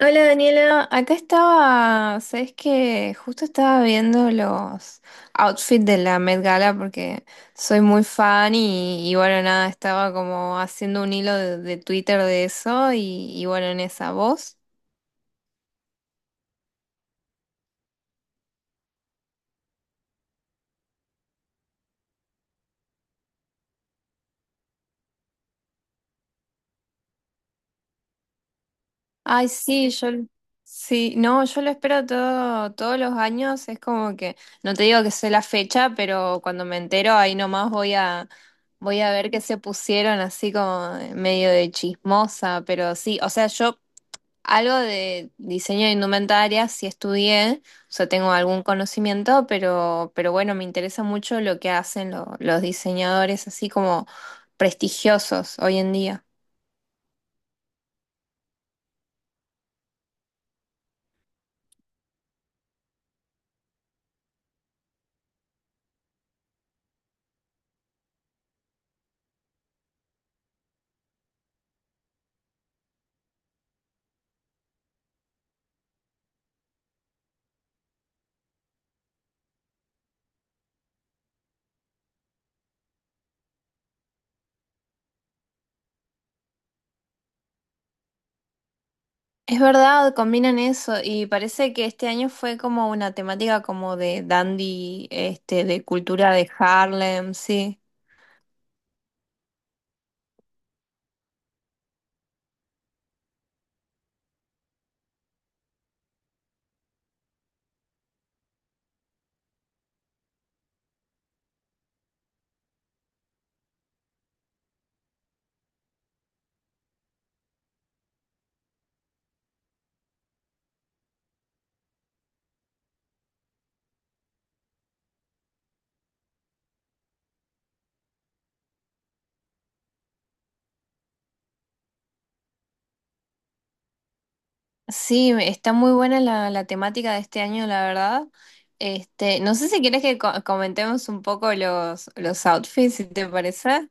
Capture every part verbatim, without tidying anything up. Hola Daniela, acá estaba, sabes que justo estaba viendo los outfits de la Met Gala porque soy muy fan y, y bueno, nada, estaba como haciendo un hilo de, de Twitter de eso y, y bueno, en esa voz. Ay, sí, yo, sí, no, yo lo espero todo, todos los años, es como que, no te digo que sé la fecha, pero cuando me entero ahí nomás voy a... Voy a ver qué se pusieron así como medio de chismosa, pero sí, o sea, yo algo de diseño de indumentaria sí estudié, o sea, tengo algún conocimiento, pero, pero bueno, me interesa mucho lo que hacen lo- los diseñadores así como prestigiosos hoy en día. Es verdad, combinan eso y parece que este año fue como una temática como de dandy, este, de cultura de Harlem, sí. Sí, está muy buena la, la temática de este año, la verdad. Este, no sé si quieres que co- comentemos un poco los, los outfits, si te parece.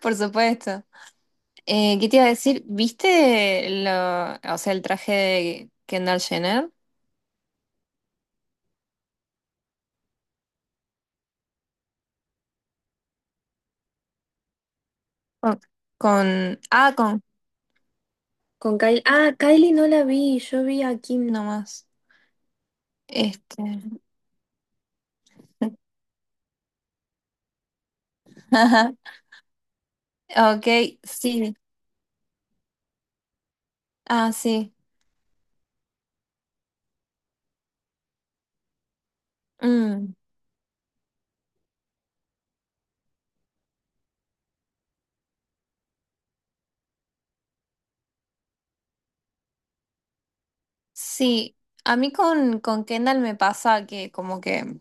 Por supuesto. Eh, ¿qué te iba a decir? ¿Viste lo, o sea, el traje de Kendall Jenner? Con, con- ah, con, Con Kylie. Ah, Kylie no la vi, yo vi a Kim nomás. Este. Ajá. Ok, sí. Ah, sí. Mm, sí. A mí con, con Kendall me pasa que como que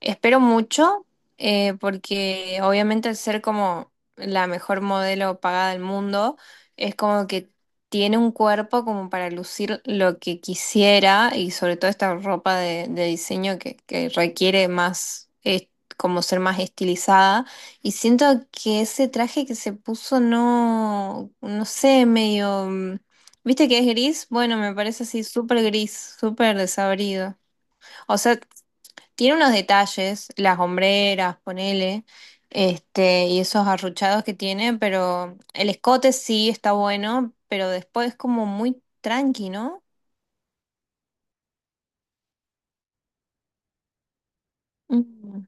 espero mucho, eh, porque obviamente al ser como la mejor modelo pagada del mundo, es como que tiene un cuerpo como para lucir lo que quisiera y sobre todo esta ropa de, de diseño que, que requiere más, eh, como ser más estilizada. Y siento que ese traje que se puso no, no sé, medio... mm, ¿viste que es gris? Bueno, me parece así súper gris, súper desabrido. O sea... Tiene unos detalles, las hombreras, ponele, este, y esos arruchados que tiene, pero el escote sí está bueno, pero después es como muy tranqui, ¿no? Mm.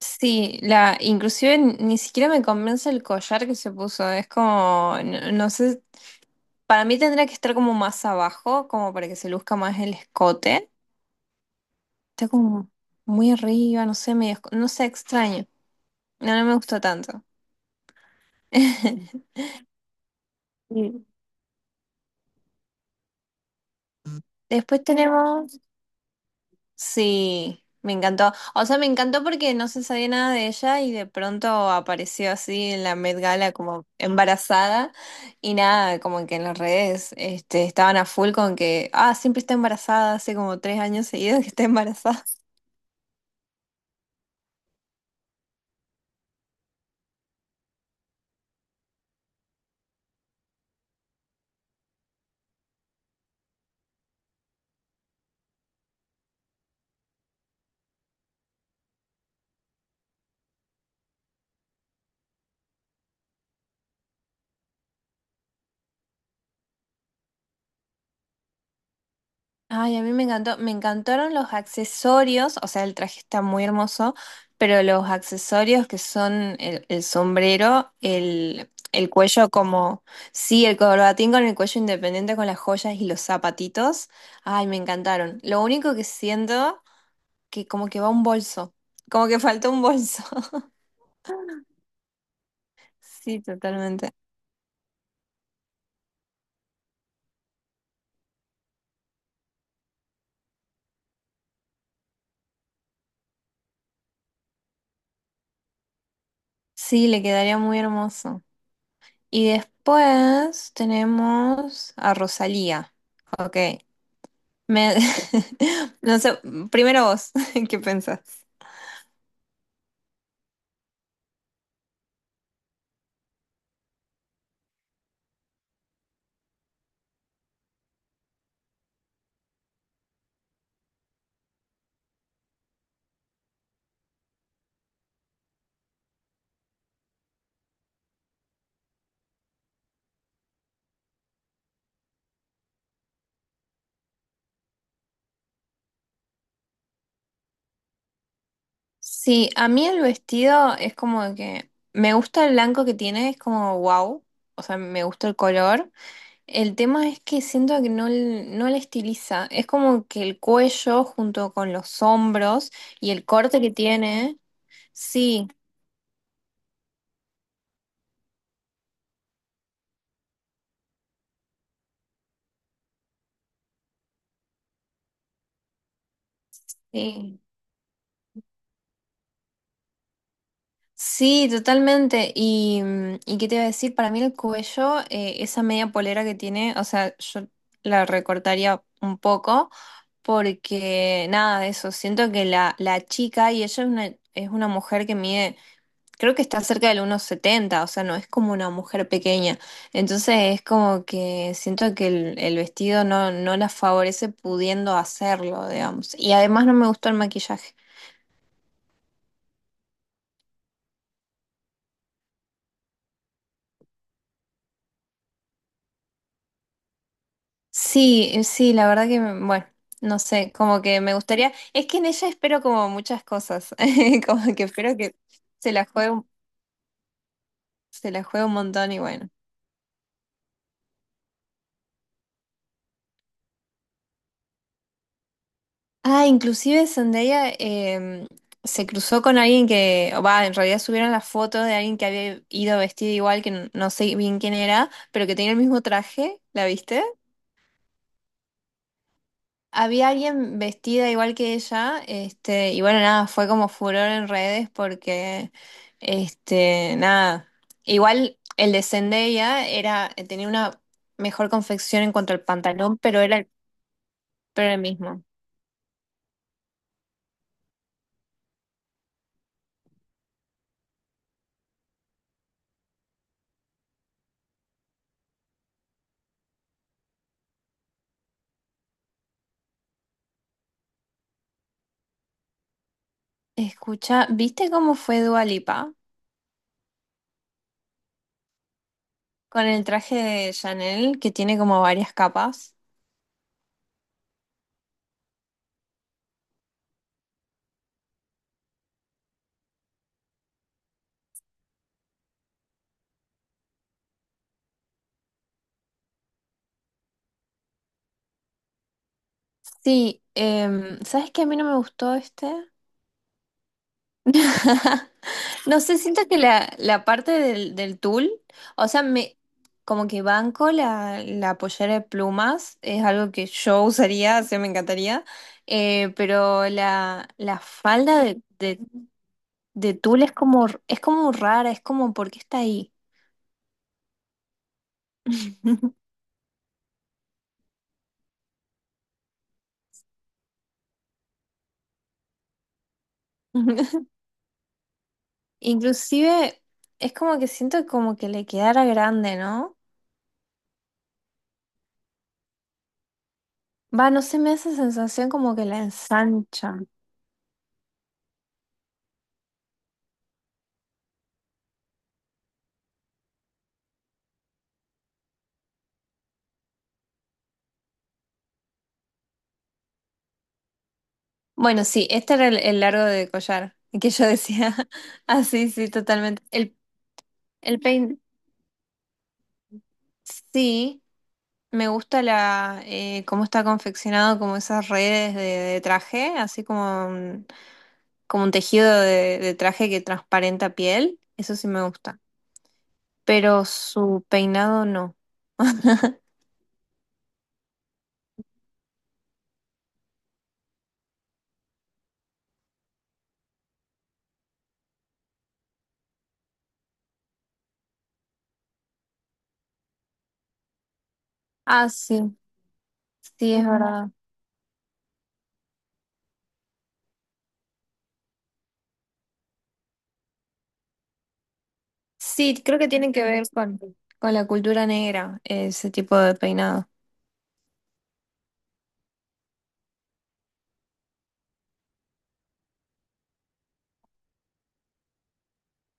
Sí, la, inclusive ni siquiera me convence el collar que se puso, es como, no, no sé, para mí tendría que estar como más abajo, como para que se luzca más el escote. Está como muy arriba, no sé, medio, esco- no sé, extraño. No, no me gustó tanto. Mm. Después tenemos sí, me encantó. O sea, me encantó porque no se sabía nada de ella y de pronto apareció así en la Met Gala como embarazada y nada, como que en las redes este, estaban a full con que, ah, siempre está embarazada, hace como tres años seguidos que está embarazada. Ay, a mí me encantó, me encantaron los accesorios, o sea, el traje está muy hermoso, pero los accesorios que son el, el sombrero, el, el cuello como, sí, el corbatín con el cuello independiente con las joyas y los zapatitos, ay, me encantaron. Lo único que siento que como que va un bolso, como que faltó un bolso. Sí, totalmente. Sí, le quedaría muy hermoso. Y después tenemos a Rosalía. Ok. Me... no sé, primero vos, ¿qué pensás? Sí, a mí el vestido es como que me gusta el blanco que tiene, es como wow, o sea, me gusta el color. El tema es que siento que no, l- no le estiliza, es como que el cuello junto con los hombros y el corte que tiene, sí, sí. Sí, totalmente. Y, mm, ¿y qué te iba a decir? Para mí el cuello, eh, esa media polera que tiene, o sea, yo la recortaría un poco porque nada de eso. Siento que la, la chica, y ella es una, es una mujer que mide, creo que está cerca del uno setenta, o sea, no es como una mujer pequeña. Entonces es como que siento que el, el vestido no, no la favorece pudiendo hacerlo, digamos. Y además no me gustó el maquillaje. Sí, eh, sí, la verdad que, mm, bueno, no sé, como que me gustaría, es que en ella espero como muchas cosas, como que espero que se la juegue, un- se la juegue un montón y bueno. Ah, inclusive Zendaya em, se cruzó con alguien que, o va, en realidad subieron la foto de alguien que había ido vestido igual, que n- no sé bien quién era, pero que tenía el mismo traje, ¿la viste? Había alguien vestida igual que ella, este, y bueno, nada, fue como furor en redes porque, este, nada, igual el de Zendaya era, eh, tenía una mejor confección en cuanto al pantalón, pero era, el- pero el mismo. Escucha, ¿viste cómo fue Dua Lipa con el traje de Chanel que tiene como varias capas? Sí, em, ¿sabes qué a mí no me gustó este? No sé, siento que la, la parte del, del tul, o sea, me como que banco la, la pollera de plumas, es algo que yo usaría, o sea, me encantaría, eh, pero la, la falda de, de, de tul es como, es como rara, es como, ¿por qué está ahí? Inclusive es como que siento como que le quedara grande, ¿no? Va, no sé, me da esa sensación como que la ensancha. Bueno, sí, este era el, el largo de collar que yo decía. Ah, sí, sí, totalmente. El, el pein, sí, me gusta la eh, cómo está confeccionado, como esas redes de, de traje, así como un, como un tejido de, de traje que transparenta piel. Eso sí me gusta. Pero su peinado no. Ah, sí, sí, es verdad. Sí, creo que tiene que ver con, con la cultura negra, ese tipo de peinado.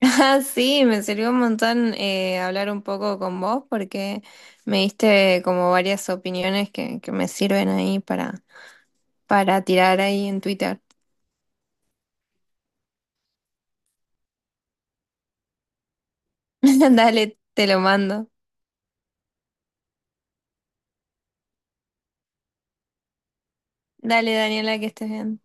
Ah, sí, me sirvió un montón eh, hablar un poco con vos porque me diste como varias opiniones que, que me sirven ahí para, para tirar ahí en Twitter. Dale, te lo mando. Dale, Daniela, que estés bien.